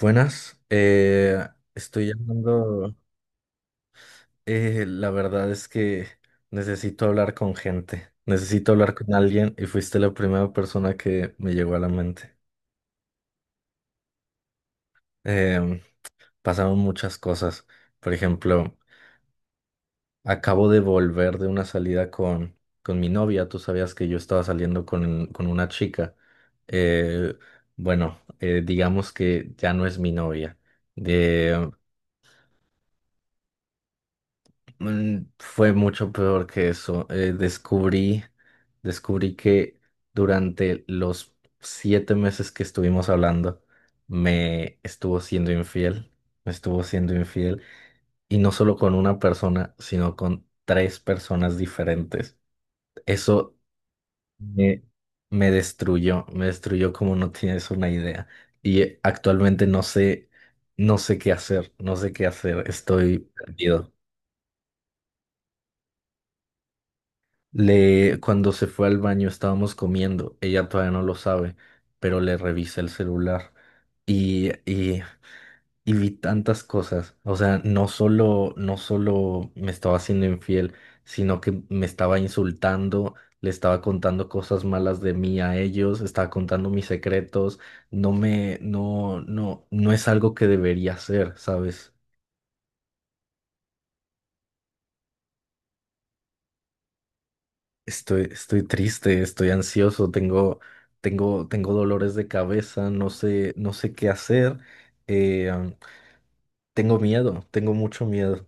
Buenas, estoy llamando. La verdad es que necesito hablar con gente, necesito hablar con alguien y fuiste la primera persona que me llegó a la mente. Em, Pasaron muchas cosas. Por ejemplo, acabo de volver de una salida con mi novia. Tú sabías que yo estaba saliendo con una chica. Eh, bueno, digamos que ya no es mi novia. Fue mucho peor que eso. Descubrí que durante los 7 meses que estuvimos hablando, me estuvo siendo infiel, me estuvo siendo infiel, y no solo con una persona, sino con tres personas diferentes. Eso me, me destruyó como no tienes una idea. Y actualmente no sé, no sé qué hacer, no sé qué hacer, estoy perdido. Cuando se fue al baño estábamos comiendo, ella todavía no lo sabe, pero le revisé el celular y, y, y vi tantas cosas. O sea, no solo me estaba haciendo infiel, sino que me estaba insultando, le estaba contando cosas malas de mí a ellos, estaba contando mis secretos. No, no, no es algo que debería hacer, ¿sabes? Estoy, estoy triste, estoy ansioso, tengo dolores de cabeza, no sé, no sé qué hacer, eh, tengo miedo, tengo mucho miedo.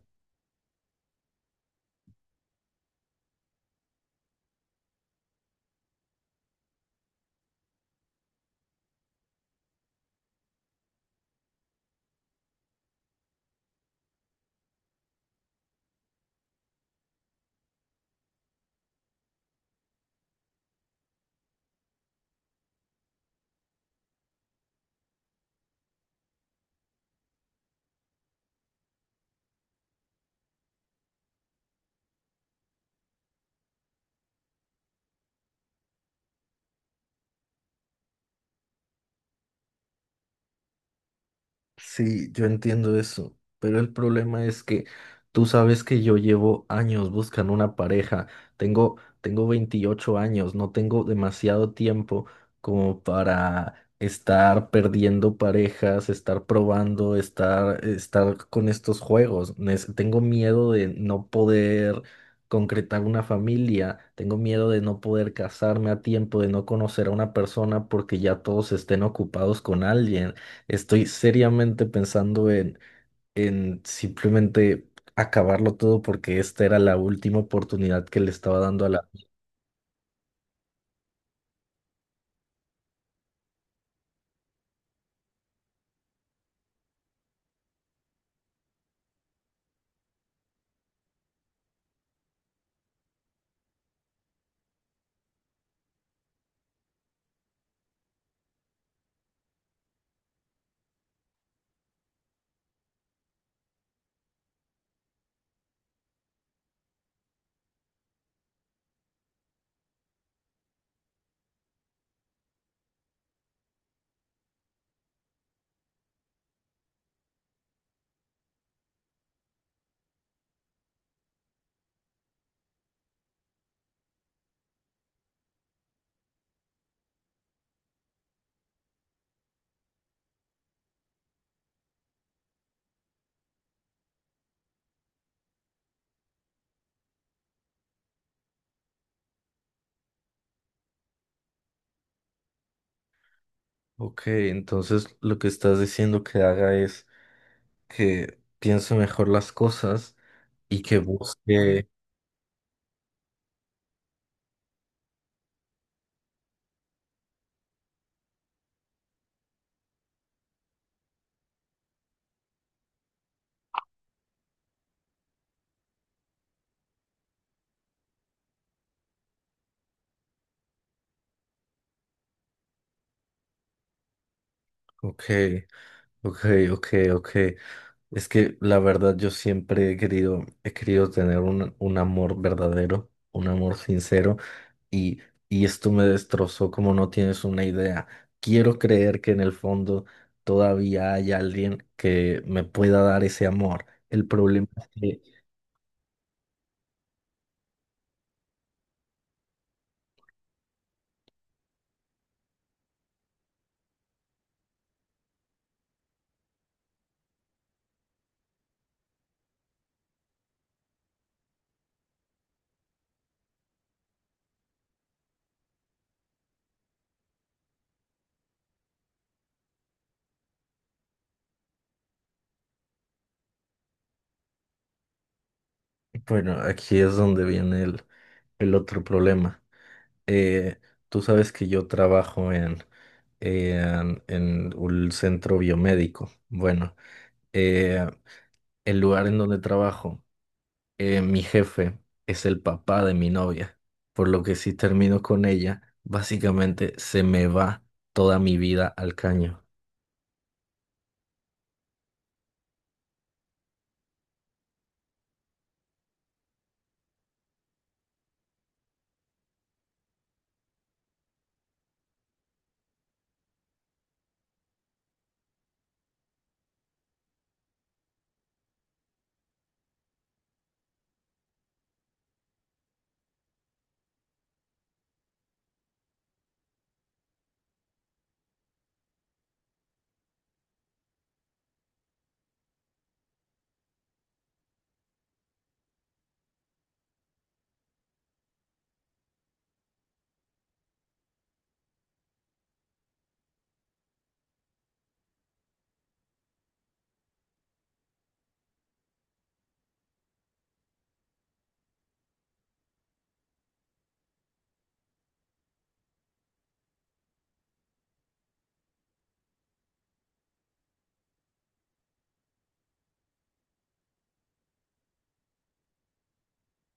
Sí, yo entiendo eso, pero el problema es que tú sabes que yo llevo años buscando una pareja, tengo 28 años, no tengo demasiado tiempo como para estar perdiendo parejas, estar probando, estar con estos juegos. Tengo miedo de no poder concretar una familia, tengo miedo de no poder casarme a tiempo, de no conocer a una persona porque ya todos estén ocupados con alguien. Estoy seriamente pensando en simplemente acabarlo todo porque esta era la última oportunidad que le estaba dando a la... Ok, entonces lo que estás diciendo que haga es que piense mejor las cosas y que busque... Ok, ok, ok, ok. Es que la verdad yo siempre he querido tener un amor verdadero, un amor sincero. Y, y esto me destrozó como no tienes una idea. Quiero creer que en el fondo todavía hay alguien que me pueda dar ese amor. El problema es que, bueno, aquí es donde viene el otro problema. Eh, tú sabes que yo trabajo en un centro biomédico. Bueno, eh, el lugar en donde trabajo. Mi jefe es el papá de mi novia, por lo que si termino con ella, básicamente se me va toda mi vida al caño.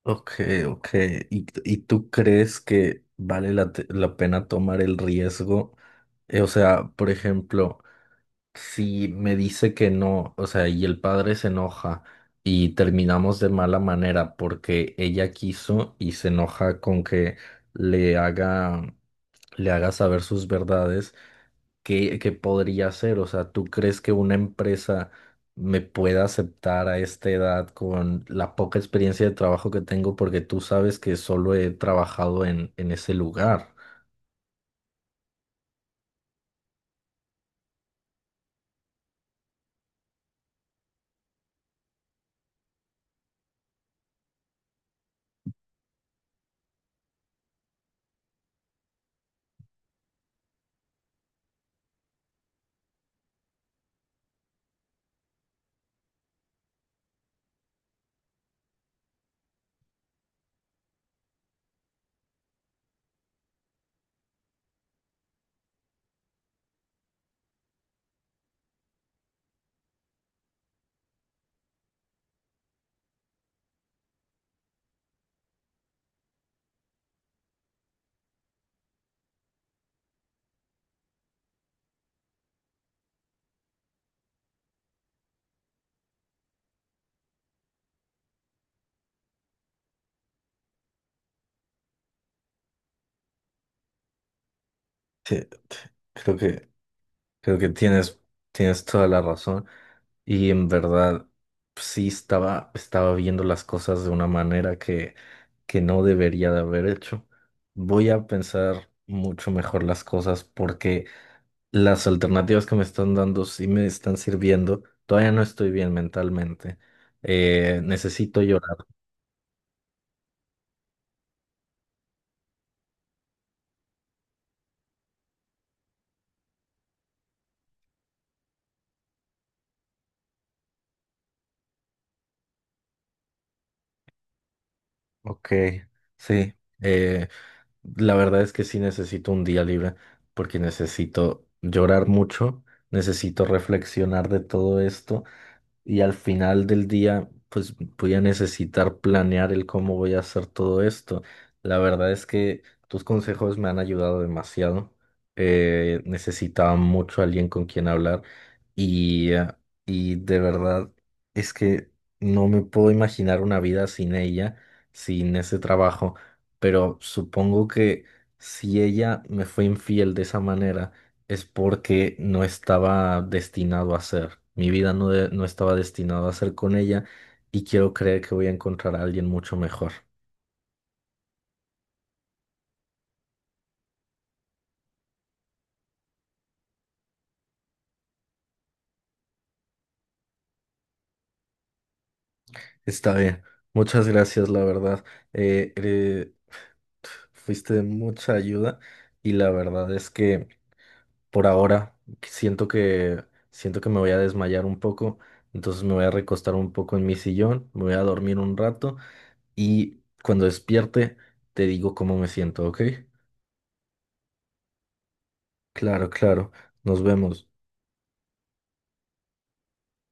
Ok, ok. ¿ y tú crees que vale la pena tomar el riesgo? O sea, por ejemplo, si me dice que no, o sea, y el padre se enoja y terminamos de mala manera porque ella quiso y se enoja con que le haga, le haga saber sus verdades. ¿Qué, qué podría hacer? O sea, ¿tú crees que una empresa me pueda aceptar a esta edad con la poca experiencia de trabajo que tengo? Porque tú sabes que solo he trabajado en ese lugar. Sí, creo que, creo que tienes, tienes toda la razón. Y en verdad, sí estaba viendo las cosas de una manera que no debería de haber hecho. Voy a pensar mucho mejor las cosas porque... Las alternativas que me están dando sí me están sirviendo. Todavía no estoy bien mentalmente. Necesito llorar. Ok, sí. Eh, la verdad es que sí necesito un día libre porque necesito llorar mucho, necesito reflexionar de todo esto. Y al final del día, pues voy a necesitar planear el cómo voy a hacer todo esto. La verdad es que tus consejos me han ayudado demasiado. Necesitaba mucho alguien con quien hablar y, eh, y de verdad es que no me puedo imaginar una vida sin ella, sin ese trabajo. Pero supongo que si ella me fue infiel de esa manera, es porque no estaba destinado a ser. Mi vida no, de- No estaba destinado a ser con ella y quiero creer que voy a encontrar a alguien mucho mejor. Está bien. Muchas gracias, la verdad. Eh, eh, fuiste de mucha ayuda y la verdad es que por ahora siento que me voy a desmayar un poco, entonces me voy a recostar un poco en mi sillón, me voy a dormir un rato y cuando despierte te digo cómo me siento, ¿ok? Claro, claro. Nos vemos.